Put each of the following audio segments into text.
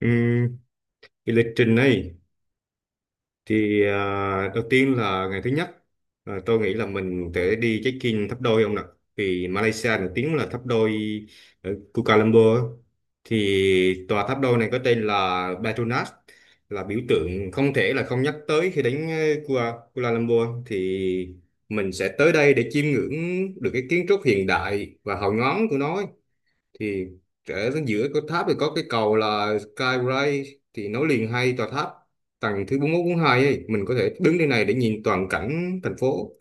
Ừm, cái lịch trình này đầu tiên là ngày thứ nhất, tôi nghĩ là mình sẽ đi check-in tháp đôi ông ạ, vì Malaysia nổi tiếng là tháp đôi ở Kuala Lumpur á. Thì tòa tháp đôi này có tên là Petronas, là biểu tượng không thể là không nhắc tới khi đến Kuala Lumpur. Thì mình sẽ tới đây để chiêm ngưỡng được cái kiến trúc hiện đại và hào nhoáng của nó. Thì trở giữa cái tháp thì có cái cầu là Skyway, thì nối liền hai tòa tháp. Tầng thứ 41 42 ấy mình có thể đứng trên này để nhìn toàn cảnh thành phố.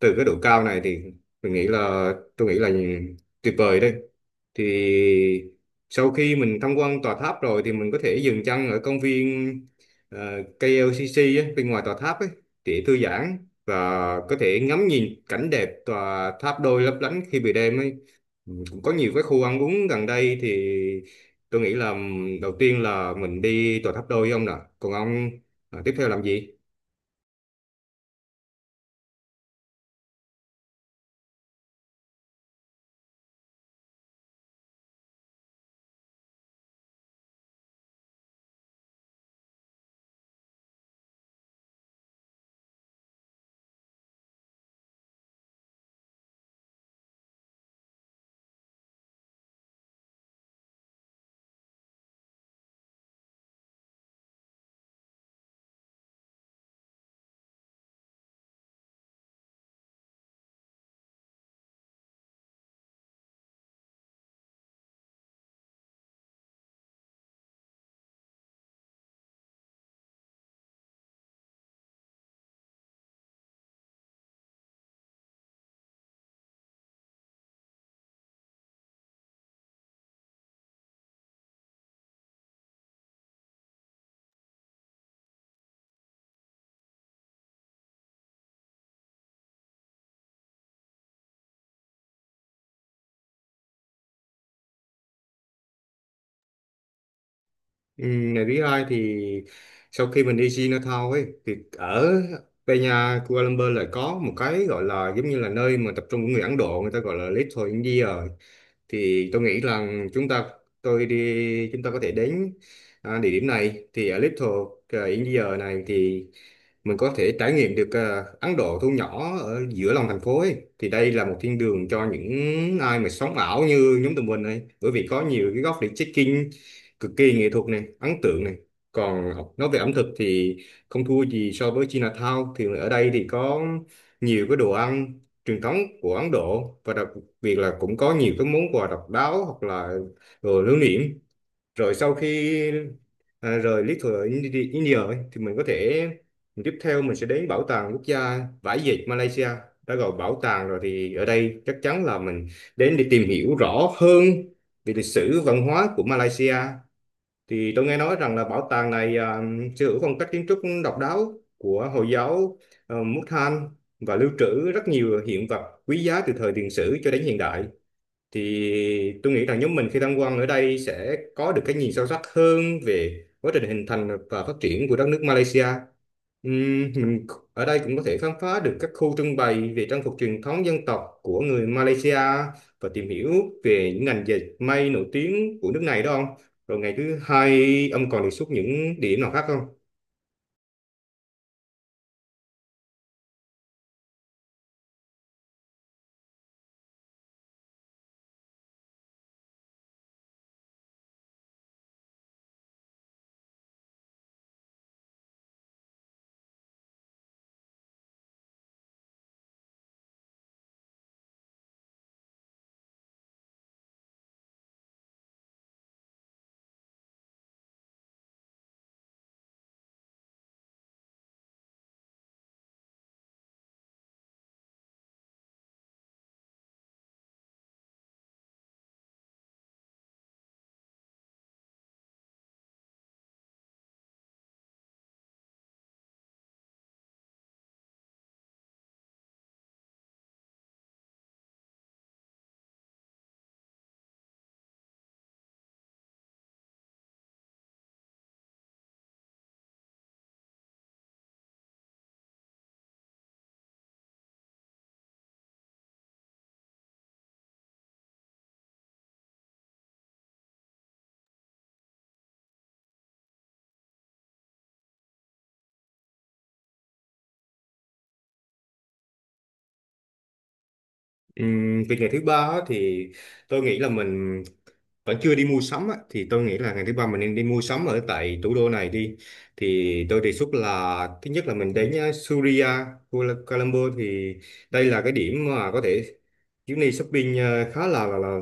Từ cái độ cao này thì mình nghĩ là tuyệt vời đây. Thì sau khi mình tham quan tòa tháp rồi thì mình có thể dừng chân ở công viên KLCC ấy, bên ngoài tòa tháp ấy, để thư giãn và có thể ngắm nhìn cảnh đẹp tòa tháp đôi lấp lánh khi bị đêm ấy. Có nhiều cái khu ăn uống gần đây thì tôi nghĩ là đầu tiên là mình đi tòa tháp đôi ông nè. Còn ông, tiếp theo làm gì? Ngày thứ hai thì sau khi mình đi Chinatown ấy thì ở Peña Kuala Lumpur lại có một cái gọi là giống như là nơi mà tập trung của người Ấn Độ, người ta gọi là Little India. Thì tôi nghĩ rằng chúng ta có thể đến địa điểm này. Thì ở Little India này thì mình có thể trải nghiệm được Ấn Độ thu nhỏ ở giữa lòng thành phố ấy. Thì đây là một thiên đường cho những ai mà sống ảo như nhóm tụi mình ấy. Bởi vì có nhiều cái góc để check-in cực kỳ nghệ thuật này, ấn tượng này. Còn nói về ẩm thực thì không thua gì so với Chinatown. Thì ở đây thì có nhiều cái đồ ăn truyền thống của Ấn Độ, và đặc biệt là cũng có nhiều cái món quà độc đáo hoặc là đồ lưu niệm. Rồi sau khi rời India ấy, thì mình có thể tiếp theo mình sẽ đến bảo tàng quốc gia vải dệt Malaysia. Đã gọi bảo tàng rồi thì ở đây chắc chắn là mình đến để tìm hiểu rõ hơn về lịch sử văn hóa của Malaysia. Thì tôi nghe nói rằng là bảo tàng này sở hữu phong cách kiến trúc độc đáo của Hồi giáo Mukhan, và lưu trữ rất nhiều hiện vật quý giá từ thời tiền sử cho đến hiện đại. Thì tôi nghĩ rằng nhóm mình khi tham quan ở đây sẽ có được cái nhìn sâu sắc hơn về quá trình hình thành và phát triển của đất nước Malaysia. Mình ở đây cũng có thể khám phá được các khu trưng bày về trang phục truyền thống dân tộc của người Malaysia, và tìm hiểu về những ngành dệt may nổi tiếng của nước này đó ông. Rồi ngày thứ hai ông còn đề xuất những điểm nào khác không? Về ngày thứ ba á, thì tôi nghĩ là mình vẫn chưa đi mua sắm á, thì tôi nghĩ là ngày thứ ba mình nên đi mua sắm ở tại thủ đô này đi. Thì tôi đề xuất là thứ nhất là mình đến Suria Kuala Kuala Lumpur. Thì đây là cái điểm mà có thể chuyến đi shopping khá là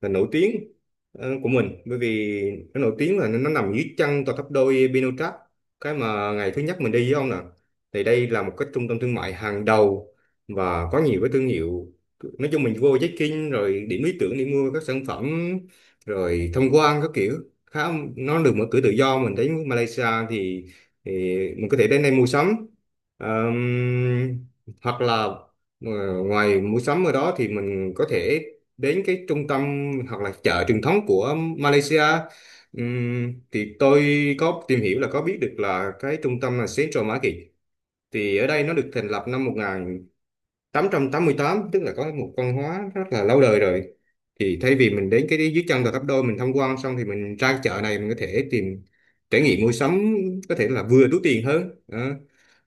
là nổi tiếng của mình, bởi vì nó nổi tiếng là nó nằm dưới chân tòa tháp đôi Pinochet, cái mà ngày thứ nhất mình đi với ông nè. Thì đây là một cái trung tâm thương mại hàng đầu và có nhiều cái thương hiệu, nói chung mình vô check-in rồi, điểm lý tưởng đi mua các sản phẩm rồi tham quan các kiểu. Khá nó được mở cửa tự do mình đến Malaysia thì, thì mình có thể đến đây mua sắm. Ờm, hoặc là ờ, ngoài mua sắm ở đó thì mình có thể đến cái trung tâm hoặc là chợ truyền thống của Malaysia. Thì tôi có tìm hiểu là có biết được là cái trung tâm là Central Market. Thì ở đây nó được thành lập năm 1900 888 tức là có một văn hóa rất là lâu đời rồi. Thì thay vì mình đến cái dưới chân Gò Tháp Đôi mình tham quan xong thì mình ra chợ này mình có thể trải nghiệm mua sắm, có thể là vừa túi tiền hơn đó.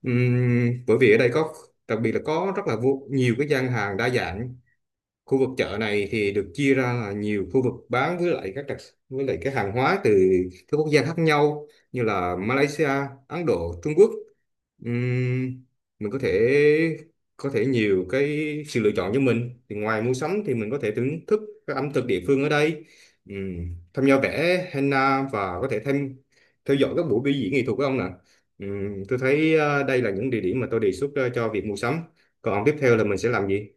Bởi vì ở đây có đặc biệt là có rất là nhiều cái gian hàng đa dạng. Khu vực chợ này thì được chia ra là nhiều khu vực bán với lại các đặc với lại cái hàng hóa từ các quốc gia khác nhau, như là Malaysia, Ấn Độ, Trung Quốc. Ừm, mình có thể nhiều cái sự lựa chọn cho mình. Thì ngoài mua sắm thì mình có thể thưởng thức các ẩm thực địa phương ở đây, tham gia vẽ henna và có thể theo dõi các buổi biểu diễn nghệ thuật của ông ạ. Tôi thấy đây là những địa điểm mà tôi đề xuất cho việc mua sắm. Còn tiếp theo là mình sẽ làm gì?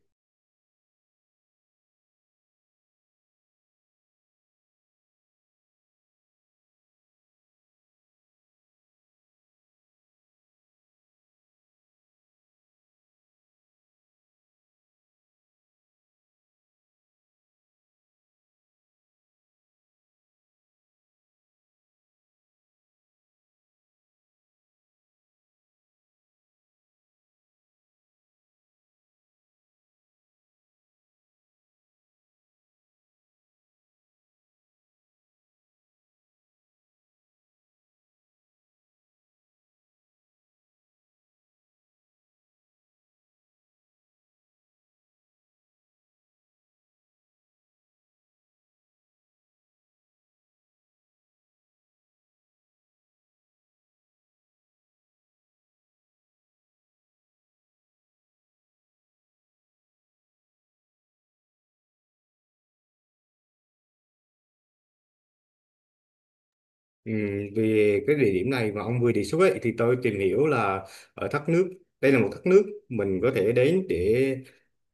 Ừ, về cái địa điểm này mà ông vừa đề xuất ấy, thì tôi tìm hiểu là ở thác nước, đây là một thác nước mình có thể đến để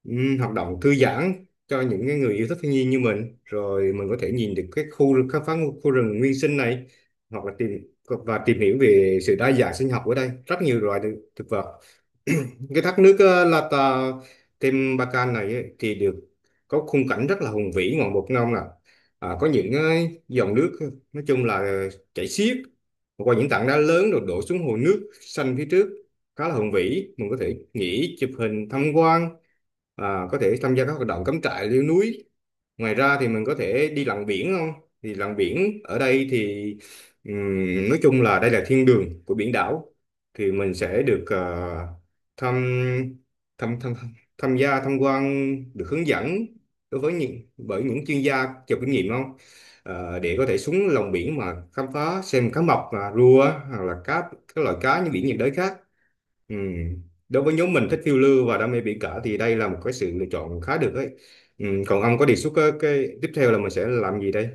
hoạt động thư giãn cho những cái người yêu thích thiên nhiên như mình, rồi mình có thể nhìn được cái khám phá khu khu rừng nguyên sinh này, hoặc là tìm hiểu về sự đa dạng sinh học ở đây, rất nhiều loài thực thực vật. Cái thác nước La Ta Tem Bacan này ấy, thì được có khung cảnh rất là hùng vĩ ngoạn mục non nè. Có những dòng nước nói chung là chảy xiết qua những tảng đá lớn rồi đổ xuống hồ nước xanh phía trước, khá là hùng vĩ. Mình có thể nghỉ chụp hình tham quan, có thể tham gia các hoạt động cắm trại leo núi. Ngoài ra thì mình có thể đi lặn biển không? Thì lặn biển ở đây thì nói chung là đây là thiên đường của biển đảo. Thì mình sẽ được ờ, thăm, thăm thăm tham gia tham quan, được hướng dẫn đối với những bởi những chuyên gia giàu kinh nghiệm không? Ờ, để có thể xuống lòng biển mà khám phá xem cá mập, à, rùa, hoặc là các loại cá như biển nhiệt đới khác. Ừ. Đối với nhóm mình thích phiêu lưu và đam mê biển cả thì đây là một cái sự lựa chọn khá được đấy. Ừ. Còn ông có đề xuất cái tiếp theo là mình sẽ làm gì đây?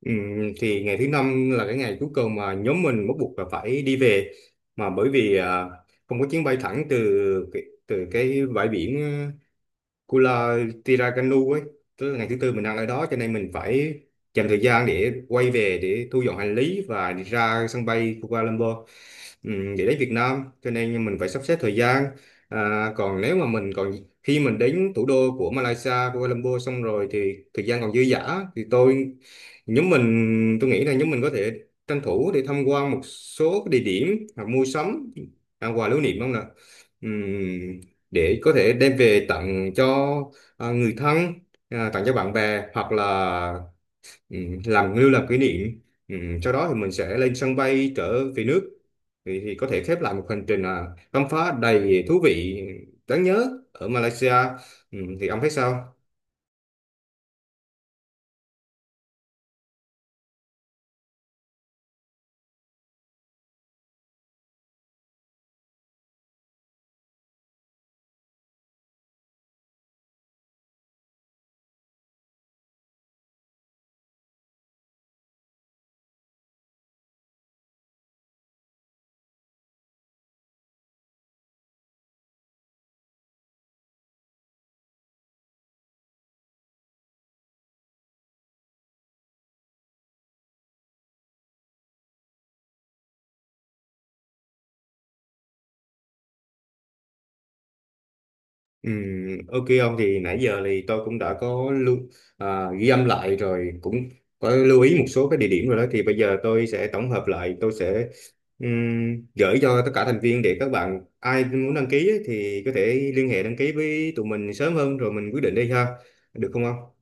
Ừ. Thì ngày thứ năm là cái ngày cuối cùng mà nhóm mình bắt buộc là phải đi về, mà bởi vì không có chuyến bay thẳng từ cái bãi biển Kula Tirakanu ấy, tức là ngày thứ tư mình đang ở đó, cho nên mình phải dành thời gian để quay về để thu dọn hành lý và đi ra sân bay Kuala Lumpur, để đến Việt Nam, cho nên mình phải sắp xếp thời gian. Còn nếu mà mình còn khi mình đến thủ đô của Malaysia Kuala Lumpur xong rồi thì thời gian còn dư dả thì tôi nghĩ là nhóm mình có thể tranh thủ để tham quan một số cái địa điểm hoặc mua sắm ăn quà lưu niệm không nè, để có thể đem về tặng cho người thân, tặng cho bạn bè hoặc là làm làm kỷ niệm. Sau đó thì mình sẽ lên sân bay trở về nước, thì có thể khép lại một hành trình khám phá đầy thú vị, đáng nhớ ở Malaysia. Thì ông thấy sao? Ừ, ok ông, thì nãy giờ thì tôi cũng đã có lưu, ghi âm lại, rồi cũng có lưu ý một số cái địa điểm rồi đó. Thì bây giờ tôi sẽ tổng hợp lại, tôi sẽ gửi cho tất cả thành viên, để các bạn ai muốn đăng ký ấy, thì có thể liên hệ đăng ký với tụi mình sớm hơn, rồi mình quyết định đi ha, được không ông?